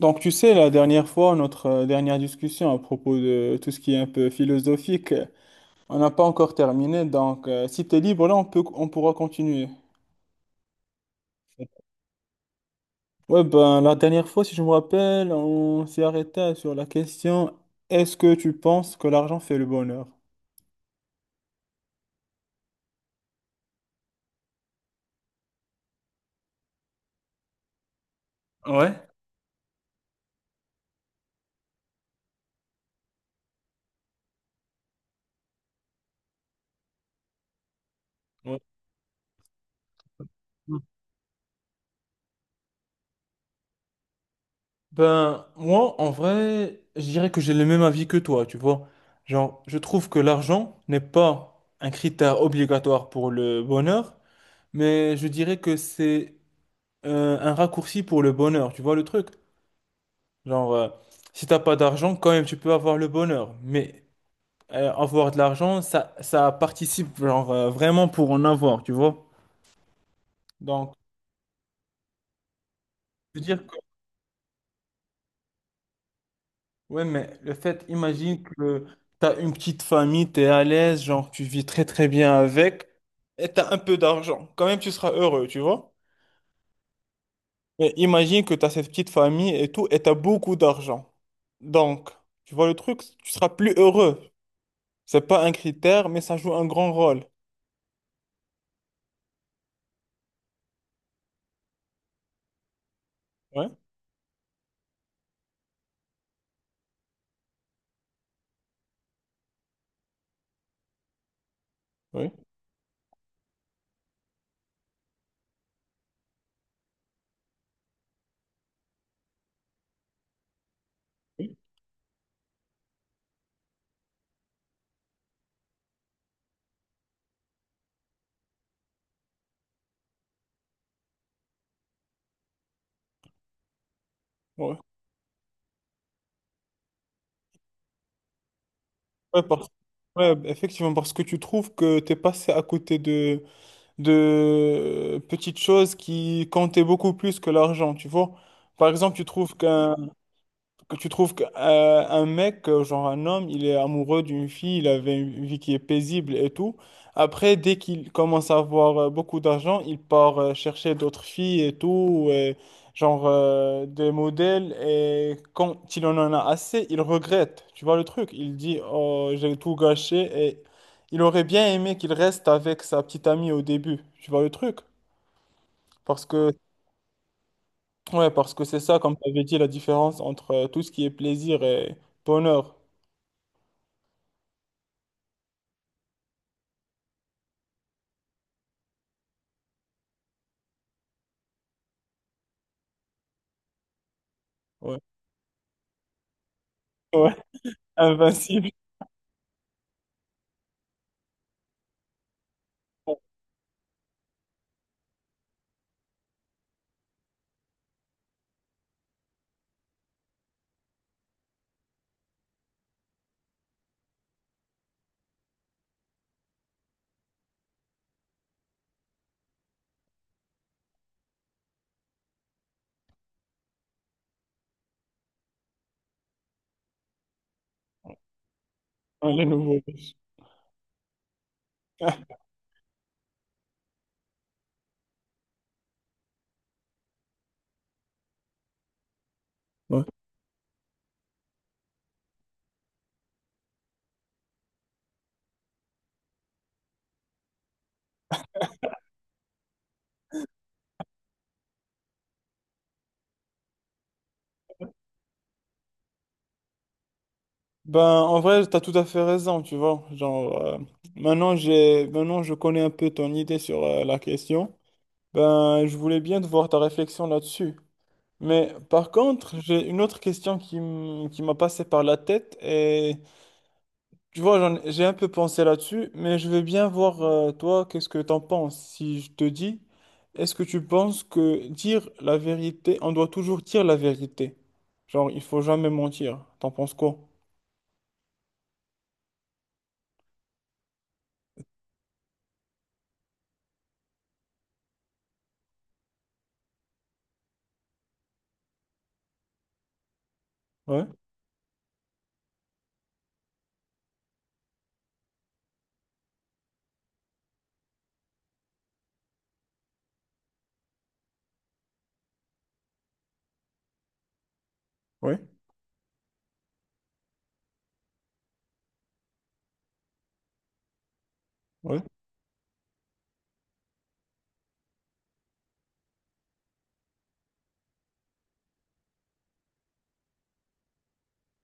Donc, tu sais, la dernière fois, notre dernière discussion à propos de tout ce qui est un peu philosophique, on n'a pas encore terminé. Donc, si tu es libre, là, on peut, on pourra continuer. Ouais, ben, la dernière fois, si je me rappelle, on s'est arrêté sur la question, est-ce que tu penses que l'argent fait le bonheur? Ouais. Ouais. Mm. Ben, moi, en vrai, je dirais que j'ai le même avis que toi, tu vois. Genre, je trouve que l'argent n'est pas un critère obligatoire pour le bonheur, mais je dirais que c'est un raccourci pour le bonheur, tu vois le truc? Genre, si t'as pas d'argent, quand même, tu peux avoir le bonheur. Mais avoir de l'argent, ça participe genre, vraiment pour en avoir, tu vois? Donc, je veux dire que, ouais, mais le fait, imagine que t'as une petite famille, t'es à l'aise, genre, tu vis très très bien avec, et t'as un peu d'argent. Quand même, tu seras heureux, tu vois? Mais imagine que t'as cette petite famille et tout, et t'as beaucoup d'argent. Donc, tu vois le truc, tu seras plus heureux. C'est pas un critère, mais ça joue un grand rôle. Ouais, ouais, oui, ouais. Ouais, parce- ouais, effectivement, parce que tu trouves que tu es passé à côté de petites choses qui comptaient beaucoup plus que l'argent, tu vois. Par exemple, tu trouves qu'un Que tu trouves qu'un un mec, genre un homme, il est amoureux d'une fille, il avait une vie qui est paisible et tout. Après, dès qu'il commence à avoir beaucoup d'argent, il part chercher d'autres filles et tout, et genre des modèles. Et quand il en a assez, il regrette. Tu vois le truc? Il dit, oh, j'ai tout gâché. Et il aurait bien aimé qu'il reste avec sa petite amie au début. Tu vois le truc? Parce que, ouais, parce que c'est ça, comme tu avais dit, la différence entre tout ce qui est plaisir et bonheur. Ouais. Ouais, invincible. Ouais, le nouveau riche. Ouais. Ben, en vrai, t'as tout à fait raison, tu vois. Genre, maintenant, maintenant, je connais un peu ton idée sur la question. Ben, je voulais bien te voir ta réflexion là-dessus. Mais par contre, j'ai une autre question qui m'a passé par la tête. Et tu vois, j'ai un peu pensé là-dessus, mais je veux bien voir, toi, qu'est-ce que t'en penses. Si je te dis, est-ce que tu penses que dire la vérité, on doit toujours dire la vérité? Genre, il faut jamais mentir. T'en penses quoi? Ouais, ouais, ouais.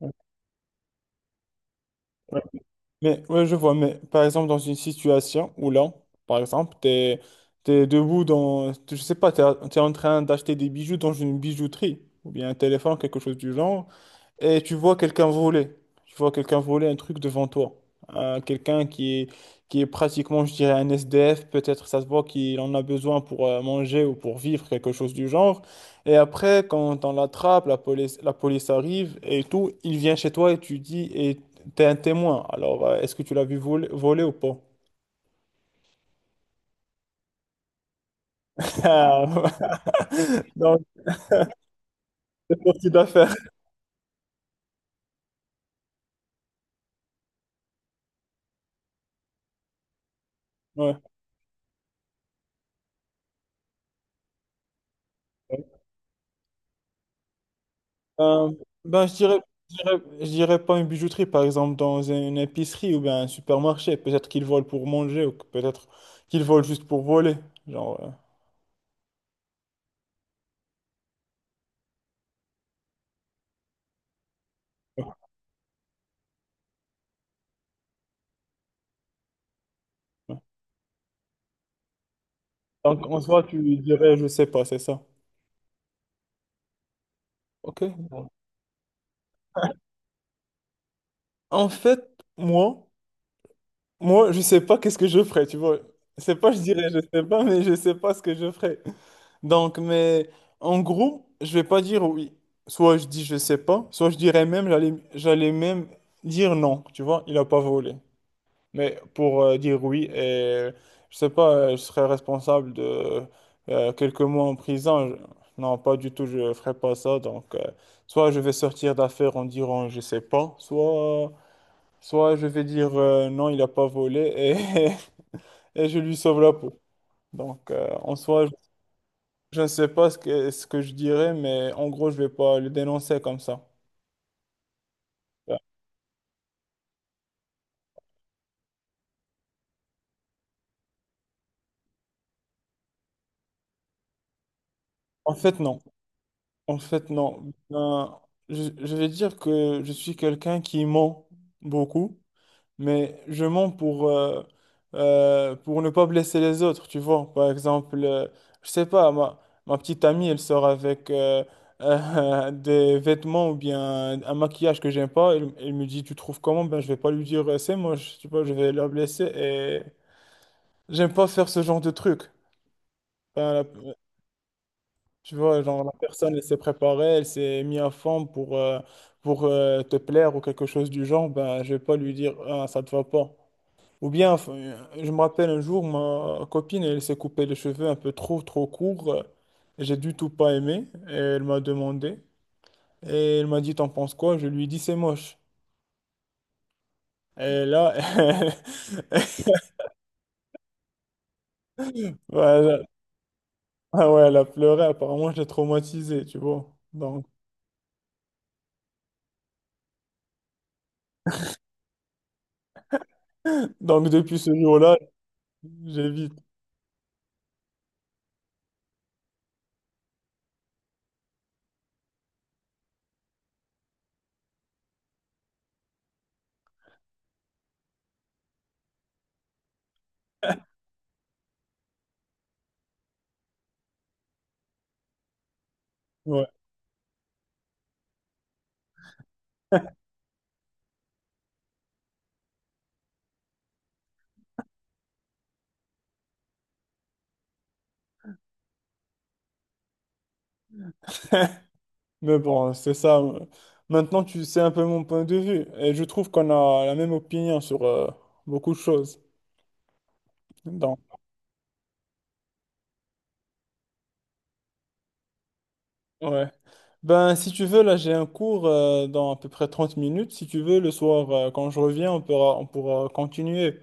Ouais. Ouais. Mais, ouais, je vois, mais par exemple, dans une situation où là, par exemple, t'es debout dans, je sais pas, t'es en train d'acheter des bijoux dans une bijouterie, ou bien un téléphone, quelque chose du genre. Et tu vois quelqu'un voler. Tu vois quelqu'un voler un truc devant toi. Quelqu'un qui est pratiquement, je dirais, un SDF. Peut-être ça se voit qu'il en a besoin pour manger ou pour vivre, quelque chose du genre. Et après, quand on l'attrape, la police arrive et tout, il vient chez toi et tu dis, et t'es un témoin. Alors, est-ce que tu l'as vu voler ou pas? Ah, non, c'est parti d'affaire. Ouais. Euh, je dirais, je dirais pas une bijouterie, par exemple, dans une épicerie ou bien un supermarché. Peut-être qu'ils volent pour manger ou que peut-être qu'ils volent juste pour voler. Genre, ouais. Donc, en soi, tu dirais, je sais pas, c'est ça. Ok. En fait, moi, moi, je sais pas qu'est-ce que je ferais, tu vois. C'est pas, je dirais, je sais pas, mais je sais pas ce que je ferais. Donc, mais en gros, je vais pas dire oui. Soit je dis je sais pas, soit je dirais même, j'allais même dire non, tu vois, il a pas volé. Mais pour dire oui, et je sais pas, je serais responsable de quelques mois en prison. Je- non, pas du tout, je ferais pas ça. Donc, soit je vais sortir d'affaire en disant je sais pas, soit je vais dire non, il a pas volé, et et je lui sauve la peau. Donc, je ne sais pas ce que, ce que je dirais, mais en gros, je vais pas le dénoncer comme ça. Ouais. En fait, non. En fait, non. Ben, je vais dire que je suis quelqu'un qui ment beaucoup. Mais je mens pour ne pas blesser les autres, tu vois. Par exemple, je sais pas, ma petite amie, elle sort avec des vêtements ou bien un maquillage que j'aime pas. Elle me dit, tu trouves comment? Ben, je vais pas lui dire, c'est moche, tu vois, je vais la blesser et j'aime pas faire ce genre de truc. Ben, la- tu vois, genre, la personne, elle s'est préparée, elle s'est mise à fond pour te plaire ou quelque chose du genre. Ben, je vais pas lui dire, ah, ça te va pas. Ou bien, enfin, je me rappelle un jour, ma copine, elle s'est coupé les cheveux un peu trop courts. J'ai du tout pas aimé. Et elle m'a demandé. Et elle m'a dit, t'en penses quoi? Je lui ai dit, c'est moche. Et là, voilà. Ah ouais, elle a pleuré. Apparemment, je l'ai traumatisée, tu vois. Donc, donc depuis ce jour-là, j'évite. Ouais. Mais bon, c'est ça. Maintenant, tu sais un peu mon point de vue. Et je trouve qu'on a la même opinion sur beaucoup de choses. Donc, ouais. Ben, si tu veux, là, j'ai un cours dans à peu près 30 minutes. Si tu veux, le soir, quand je reviens, on pourra continuer.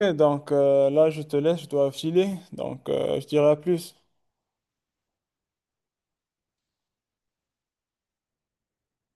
Et donc, là, je te laisse, je dois filer. Donc, je dirai à plus.